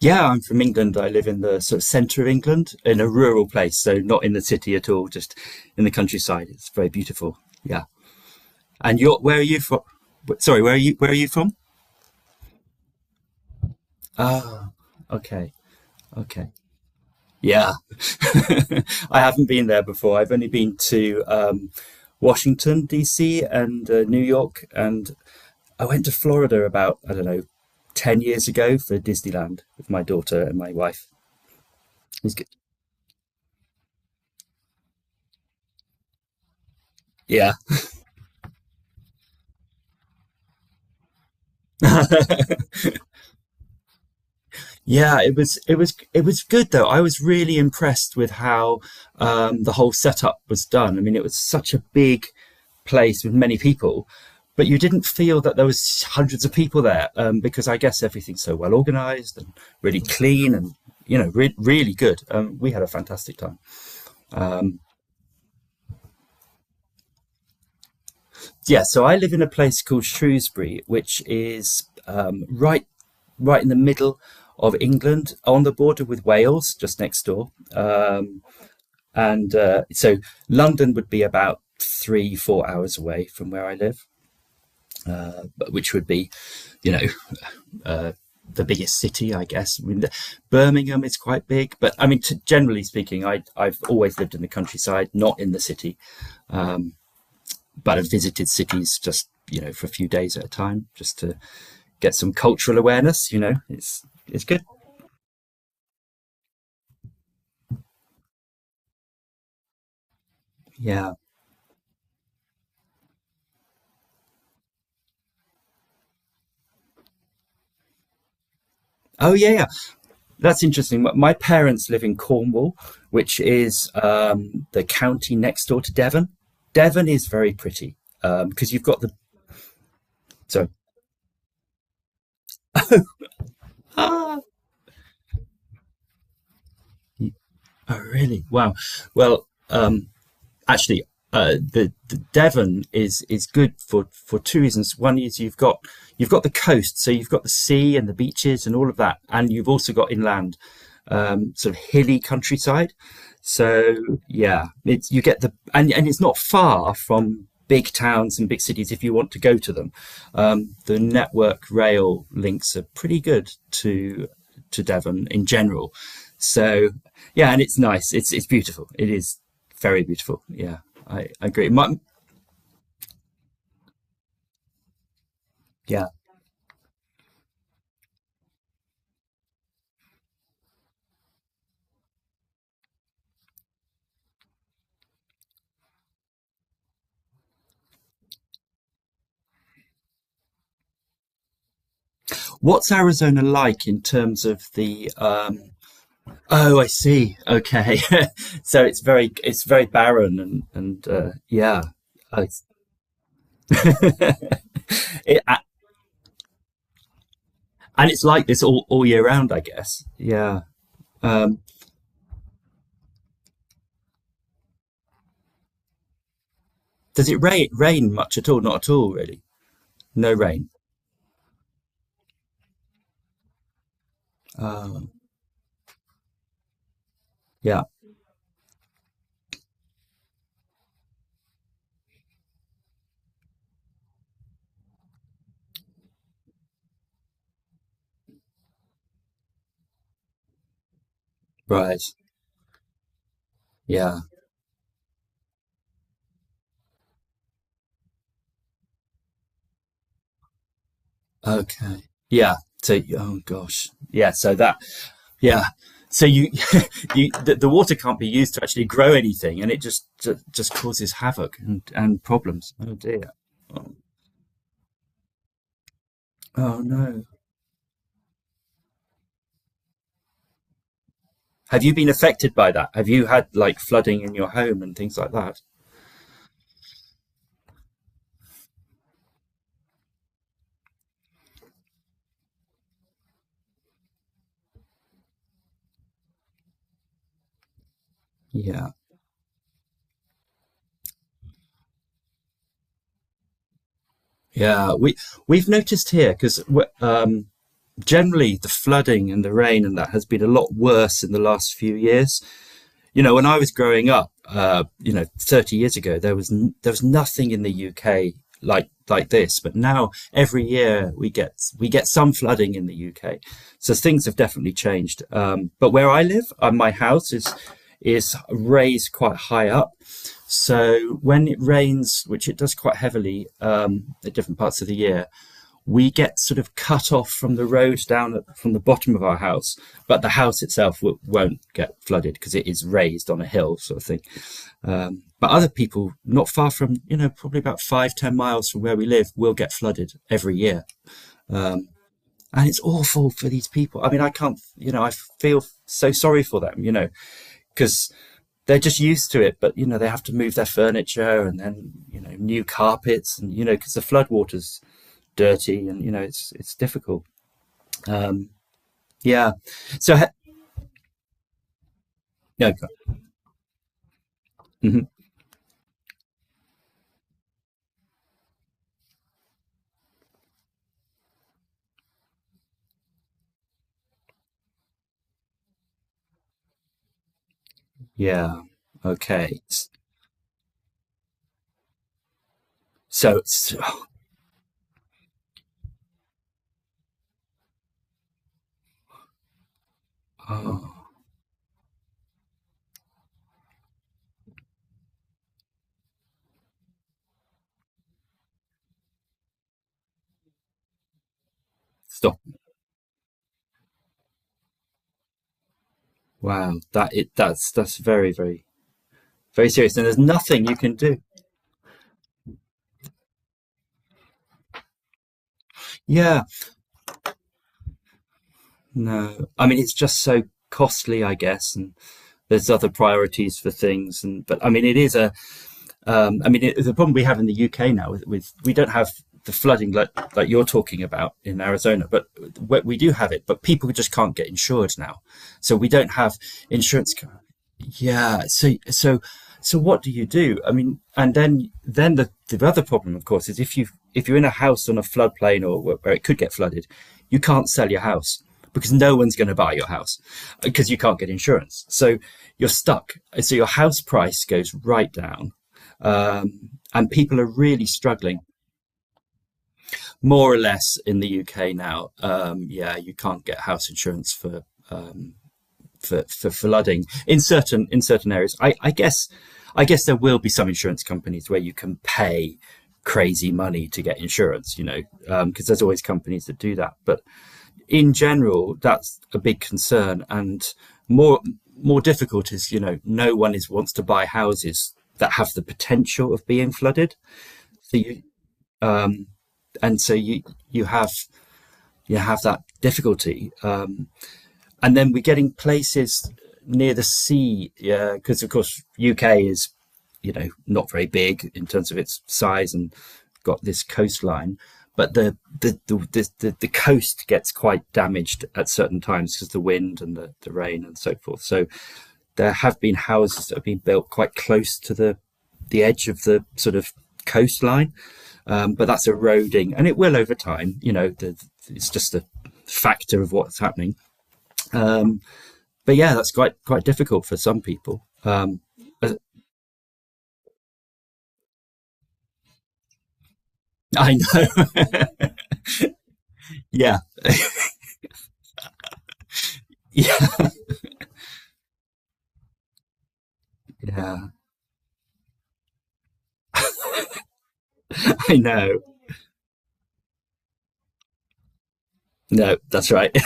Yeah, I'm from England. I live in the sort of centre of England, in a rural place, so not in the city at all, just in the countryside. It's very beautiful. Yeah. And you're, where are you from? Sorry, where are you? Where are you from? Okay. Okay. Yeah. I haven't been there before. I've only been to Washington, D.C., and New York, and I went to Florida about, I don't know, 10 years ago for Disneyland with my daughter and my wife. It was good. Yeah. Yeah, it was it was good though. I was really impressed with how the whole setup was done. I mean, it was such a big place with many people, but you didn't feel that there was hundreds of people there because I guess everything's so well organized and really clean and really good. We had a fantastic time. Yeah, so I live in a place called Shrewsbury, which is right right in the middle of England on the border with Wales, just next door. And So London would be about three, 4 hours away from where I live, which would be, you know, the biggest city, I guess. I mean, Birmingham is quite big, but I mean, generally speaking, I've always lived in the countryside, not in the city, but I've visited cities just, you know, for a few days at a time just to get some cultural awareness, you know, it's good. Yeah. Oh yeah, yeah. That's interesting. My- parents live in Cornwall, which is the county next door to Devon. Devon is very pretty because you've got the. So, oh, really? Wow. Well, actually, the Devon is good for two reasons. One is you've got the coast, so you've got the sea and the beaches and all of that, and you've also got inland, sort of hilly countryside. So yeah, it's you get the and it's not far from big towns and big cities if you want to go to them. The network rail links are pretty good to Devon in general. So yeah, and it's nice. It's beautiful. It is very beautiful. Yeah, I agree. Yeah, what's Arizona like in terms of the? Oh, I see. Okay, so it's very barren and yeah. I- It, and it's like this all year round, I guess. Yeah. Um, does it rain much at all? Not at all, really. No rain. Um, yeah. Right. Yeah. Okay. Yeah. So, oh gosh. Yeah. So that, yeah. So you, the water can't be used to actually grow anything and it just causes havoc and problems. Oh dear. Oh, oh no. Have you been affected by that? Have you had like flooding in your home and things like that? Yeah. Yeah, we we've noticed here because um, generally the flooding and the rain and that has been a lot worse in the last few years. You know, when I was growing up, you know, 30 years ago, there was there was nothing in the UK like this. But now every year we get some flooding in the UK, so things have definitely changed. But where I live, my house is raised quite high up, so when it rains, which it does quite heavily at different parts of the year, we get sort of cut off from the road from the bottom of our house, but the house itself won't get flooded because it is raised on a hill, sort of thing. But other people, not far from, you know, probably about five, 10 miles from where we live, will get flooded every year. And it's awful for these people. I mean, I can't, you know, I feel so sorry for them, you know, because they're just used to it, but, you know, they have to move their furniture and then, you know, new carpets and, you know, because the floodwater's dirty and, you know, it's difficult. Yeah. So ha- no. go- Mhm. Yeah. Okay. S- So, s Oh, stop. Wow. That it. That's very very very serious. And there's nothing you can do. Yeah. No. I mean, it's just so costly, I guess. And there's other priorities for things. And but I mean, it is a. I mean, the problem we have in the UK now with we don't have the flooding like you're talking about in Arizona, but we do have it. But people just can't get insured now, so we don't have insurance. Yeah. So so what do you do? I mean, and then the other problem, of course, is if you if you're in a house on a floodplain where it could get flooded, you can't sell your house because no one's going to buy your house because you can't get insurance. So you're stuck. So your house price goes right down, and people are really struggling. More or less in the UK now. Yeah, you can't get house insurance for for flooding in certain areas. I guess there will be some insurance companies where you can pay crazy money to get insurance, you know, because there's always companies that do that. But in general, that's a big concern, and more more difficult is you know no one is wants to buy houses that have the potential of being flooded. So you, and so you you have you have that difficulty. And then we're getting places near the sea because of course UK is you know not very big in terms of its size and got this coastline but the coast gets quite damaged at certain times because of the wind and the rain and so forth, so there have been houses that have been built quite close to the edge of the sort of coastline, but that's eroding and it will over time, you know the, it's just a factor of what's happening, um, but yeah, that's quite quite difficult for some people. I know. Yeah, yeah, yeah. I know. No, that's right.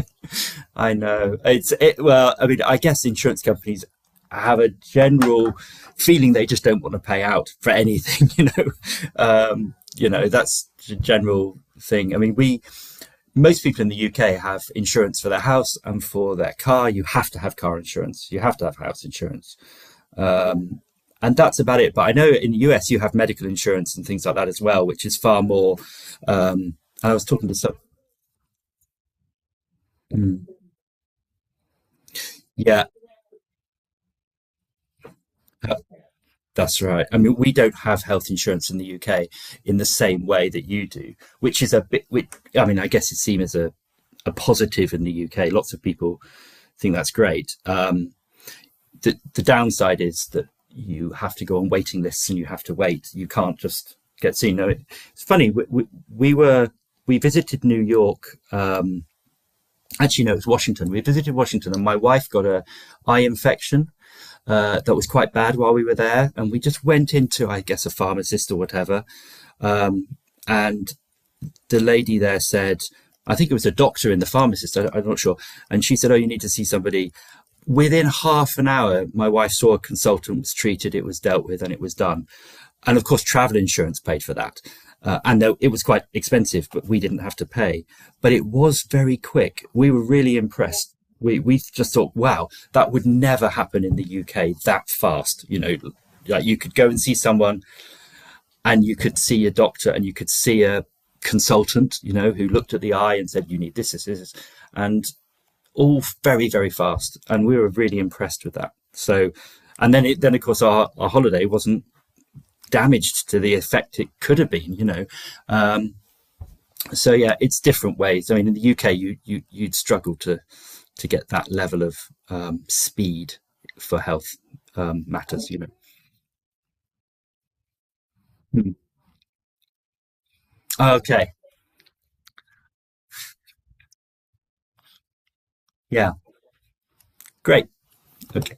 I know. It's it. Well, I mean, I guess insurance companies have a general feeling they just don't want to pay out for anything. You know that's the general thing. I mean, we most people in the UK have insurance for their house and for their car. You have to have car insurance. You have to have house insurance. Um, and that's about it. But I know in the US you have medical insurance and things like that as well, which is far more. Um, I was talking to some. Mm, yeah, uh, that's right. I mean, we don't have health insurance in the UK in the same way that you do, which is a bit. Which, I mean, I guess it seems as a positive in the UK. Lots of people think that's great. The downside is that you have to go on waiting lists and you have to wait. You can't just get seen. No, it- It's funny. We were we visited New York. Actually no, it was Washington. We visited Washington and my wife got a eye infection that was quite bad while we were there, and we just went into I guess a pharmacist or whatever, and the lady there said, I think it was a doctor and the pharmacist, I'm not sure. And she said, oh, you need to see somebody. Within half an hour, my wife saw a consultant, was treated, it was dealt with, and it was done. And of course, travel insurance paid for that. And though it was quite expensive, but we didn't have to pay. But it was very quick. We were really impressed. We just thought, wow, that would never happen in the UK that fast. You know, like you could go and see someone and you could see a doctor and you could see a consultant, you know, who looked at the eye and said, you need this, and all very, very fast. And we were really impressed with that. So, and then it, then of course our holiday wasn't damaged to the effect it could have been, you know. So yeah, it's different ways. I mean, in the UK, you'd struggle to get that level of speed for health matters, you know. Mm. Okay. Yeah. Great. Okay.